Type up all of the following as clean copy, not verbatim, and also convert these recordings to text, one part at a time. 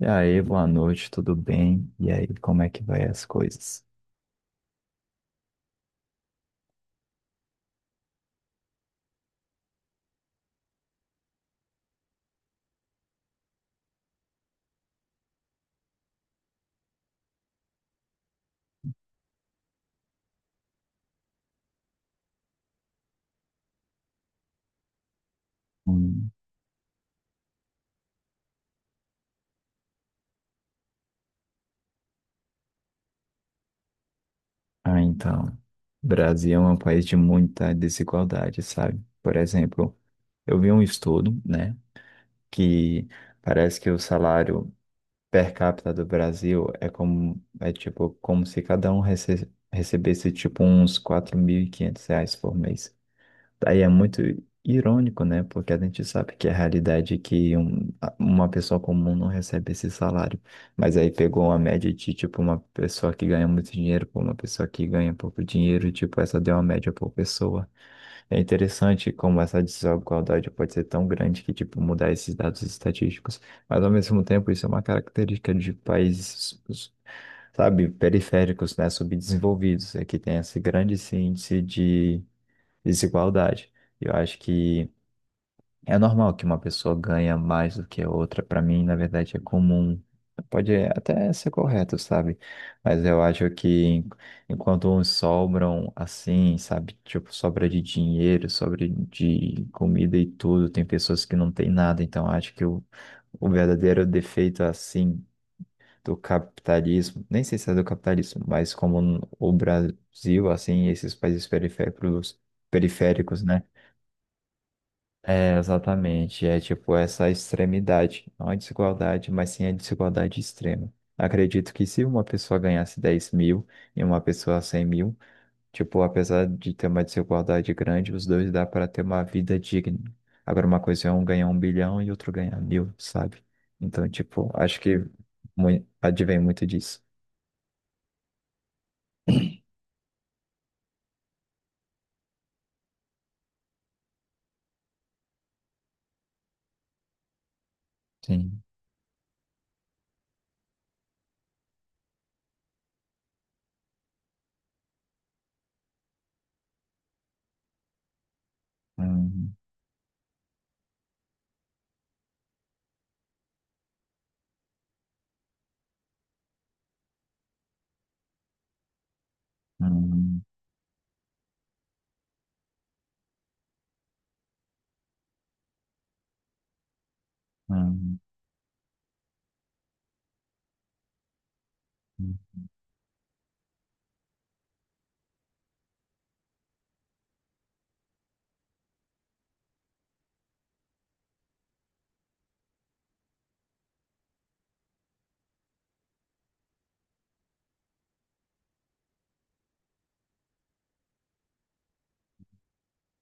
E aí, boa noite, tudo bem? E aí, como é que vai as coisas? Hum. Ah, então, Brasil é um país de muita desigualdade, sabe? Por exemplo, eu vi um estudo, né, que parece que o salário per capita do Brasil é como, é tipo, como se cada um recebesse, tipo, uns R$ 4.500 por mês. Aí é muito irônico, né? Porque a gente sabe que é a realidade é que uma pessoa comum não recebe esse salário. Mas aí pegou uma média de, tipo, uma pessoa que ganha muito dinheiro por uma pessoa que ganha pouco dinheiro, tipo, essa deu uma média por pessoa. É interessante como essa desigualdade pode ser tão grande que, tipo, mudar esses dados estatísticos. Mas, ao mesmo tempo, isso é uma característica de países, sabe, periféricos, né? Subdesenvolvidos. É que tem esse grande índice de desigualdade. Eu acho que é normal que uma pessoa ganha mais do que a outra. Para mim, na verdade, é comum. Pode até ser correto, sabe? Mas eu acho que enquanto uns sobram assim, sabe? Tipo, sobra de dinheiro, sobra de comida e tudo, tem pessoas que não têm nada. Então, eu acho que o verdadeiro defeito assim do capitalismo, nem sei se é do capitalismo, mas como o Brasil, assim, esses países periféricos, né? É, exatamente. É tipo essa extremidade. Não a desigualdade, mas sim a desigualdade extrema. Acredito que se uma pessoa ganhasse 10.000 e uma pessoa 100.000, tipo, apesar de ter uma desigualdade grande, os dois dá para ter uma vida digna. Agora, uma coisa é um ganhar um bilhão e outro ganhar mil, sabe? Então, tipo, acho que advém muito disso. Sim. Hum. Hum. Hum. Hum.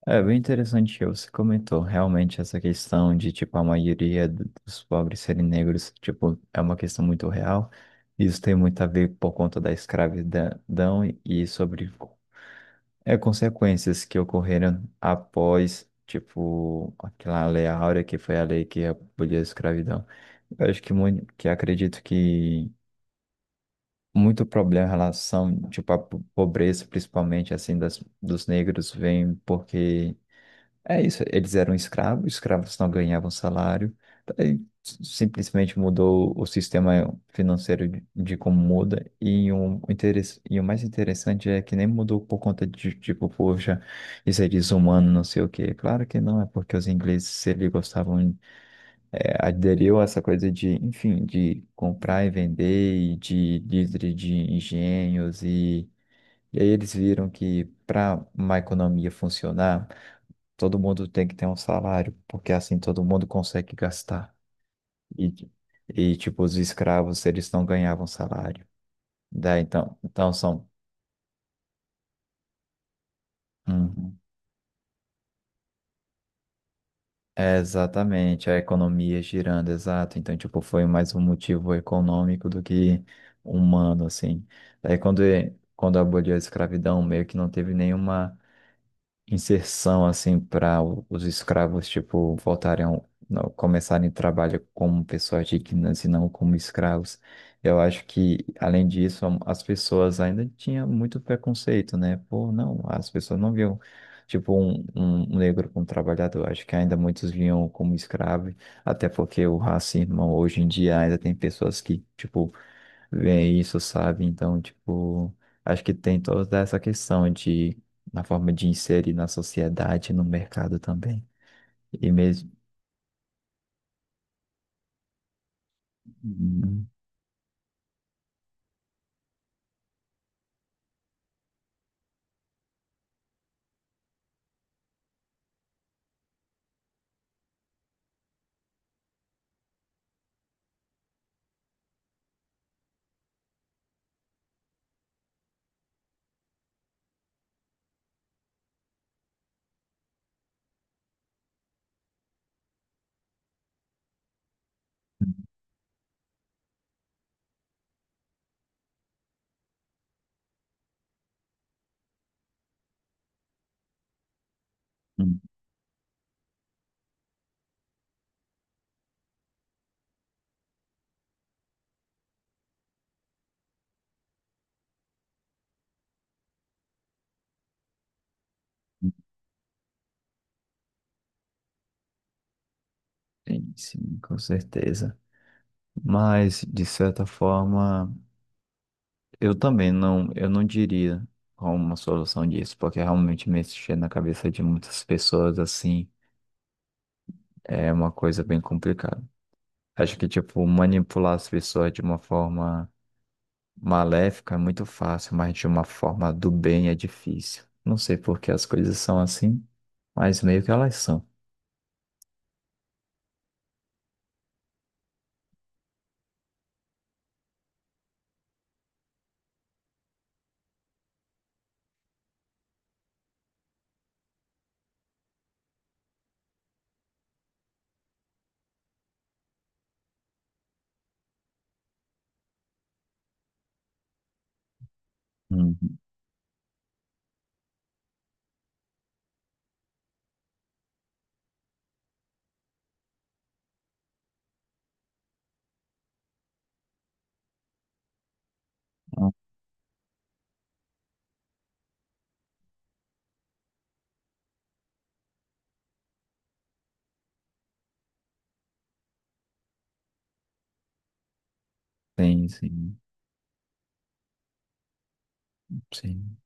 É bem interessante que você comentou realmente essa questão de, tipo, a maioria dos pobres serem negros, tipo, é uma questão muito real. Isso tem muito a ver por conta da escravidão e sobre é, consequências que ocorreram após, tipo, aquela Lei Áurea, que foi a lei que aboliu a escravidão. Eu acho que muito, que acredito que muito problema em relação, tipo, à pobreza, principalmente, assim, das, dos negros, vem porque é isso, eles eram escravos, escravos não ganhavam salário, aí simplesmente mudou o sistema financeiro de como muda, e, e o mais interessante é que nem mudou por conta de, tipo, poxa, isso é desumano, não sei o quê. Claro que não, é porque os ingleses, se eles gostavam, é, aderiu a essa coisa de, enfim, de comprar e vender, e de líder de engenhos, e aí eles viram que para uma economia funcionar, todo mundo tem que ter um salário, porque assim todo mundo consegue gastar. E, e tipo, os escravos, eles não ganhavam salário. Daí, então, então são. Uhum. É, exatamente, a economia girando, exato. Então, tipo, foi mais um motivo econômico do que humano, assim. Daí, quando, quando aboliu a escravidão, meio que não teve nenhuma inserção assim para os escravos tipo voltarem ao- não, começarem trabalho como pessoas dignas e não como escravos. Eu acho que além disso as pessoas ainda tinham muito preconceito, né? Pô, não, as pessoas não viam tipo um negro como trabalhador. Acho que ainda muitos viam como escravo, até porque o racismo hoje em dia ainda tem pessoas que tipo vem isso, sabe? Então, tipo, acho que tem toda essa questão de, na forma de inserir na sociedade, no mercado também. E mesmo. Hum. Hum. Hum. Sim, sim, com certeza. Mas, de certa forma, eu também não, eu não diria como uma solução disso, porque realmente mexer na cabeça de muitas pessoas assim é uma coisa bem complicada. Acho que, tipo, manipular as pessoas de uma forma maléfico é muito fácil, mas de uma forma do bem é difícil. Não sei por que as coisas são assim, mas meio que elas são. Uhum. Ah, sim, sim, sim.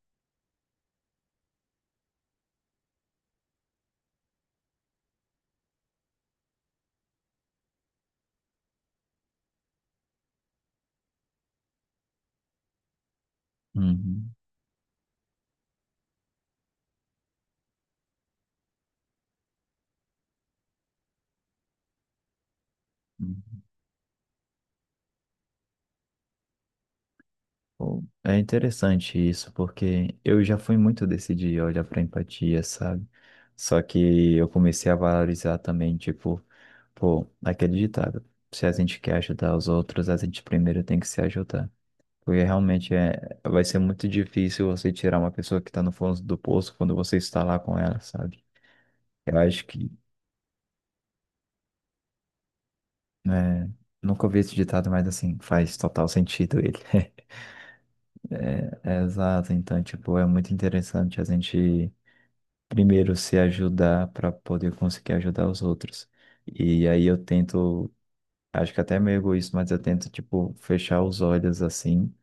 Uhum. Uhum. Bom, é interessante isso, porque eu já fui muito desse de olhar para empatia, sabe? Só que eu comecei a valorizar também, tipo, pô, aquele ditado, se a gente quer ajudar os outros, a gente primeiro tem que se ajudar. Porque realmente é, vai ser muito difícil você tirar uma pessoa que está no fundo do poço quando você está lá com ela, sabe? Eu acho que, né, nunca ouvi esse ditado, mas assim, faz total sentido ele. É, exato, então, tipo, é muito interessante a gente primeiro se ajudar para poder conseguir ajudar os outros. E aí eu tento, acho que até é meio egoísta, mas eu tento, tipo, fechar os olhos assim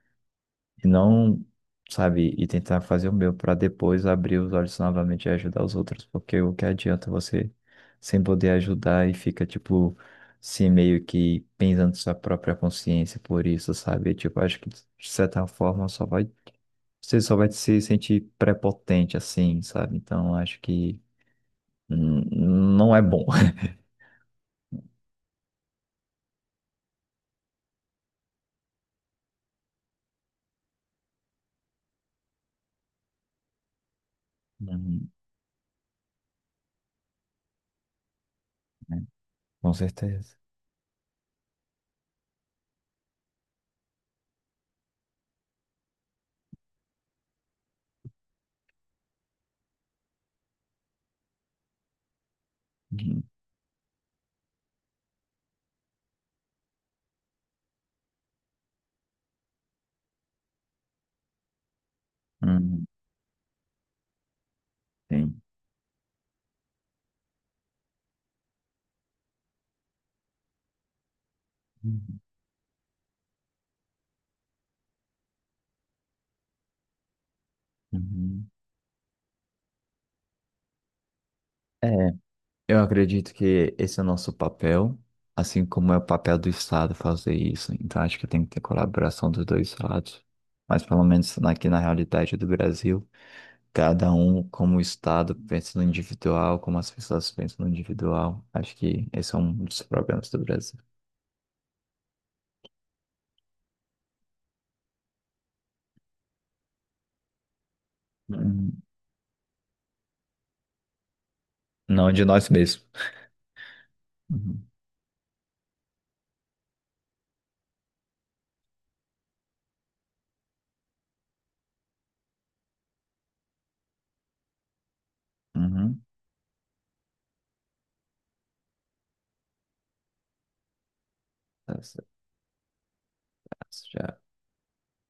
e não, sabe, e tentar fazer o meu para depois abrir os olhos novamente e ajudar os outros, porque o que adianta você sem poder ajudar e fica, tipo, se meio que pensando sua própria consciência por isso, sabe? Tipo, acho que de certa forma só vai, você só vai se sentir prepotente assim, sabe? Então, acho que hum, não é bom. Uhum, né? Com certeza. Uhum, uhum, sim. Uhum, uhum. É. Eu acredito que esse é o nosso papel, assim como é o papel do Estado fazer isso. Então, acho que tem que ter colaboração dos dois lados. Mas, pelo menos aqui na realidade do Brasil, cada um, como o Estado, pensa no individual, como as pessoas pensam no individual. Acho que esse é um dos problemas do Brasil. Hum. Não de nós mesmos. Uhum. Uhum. Tá certo. Já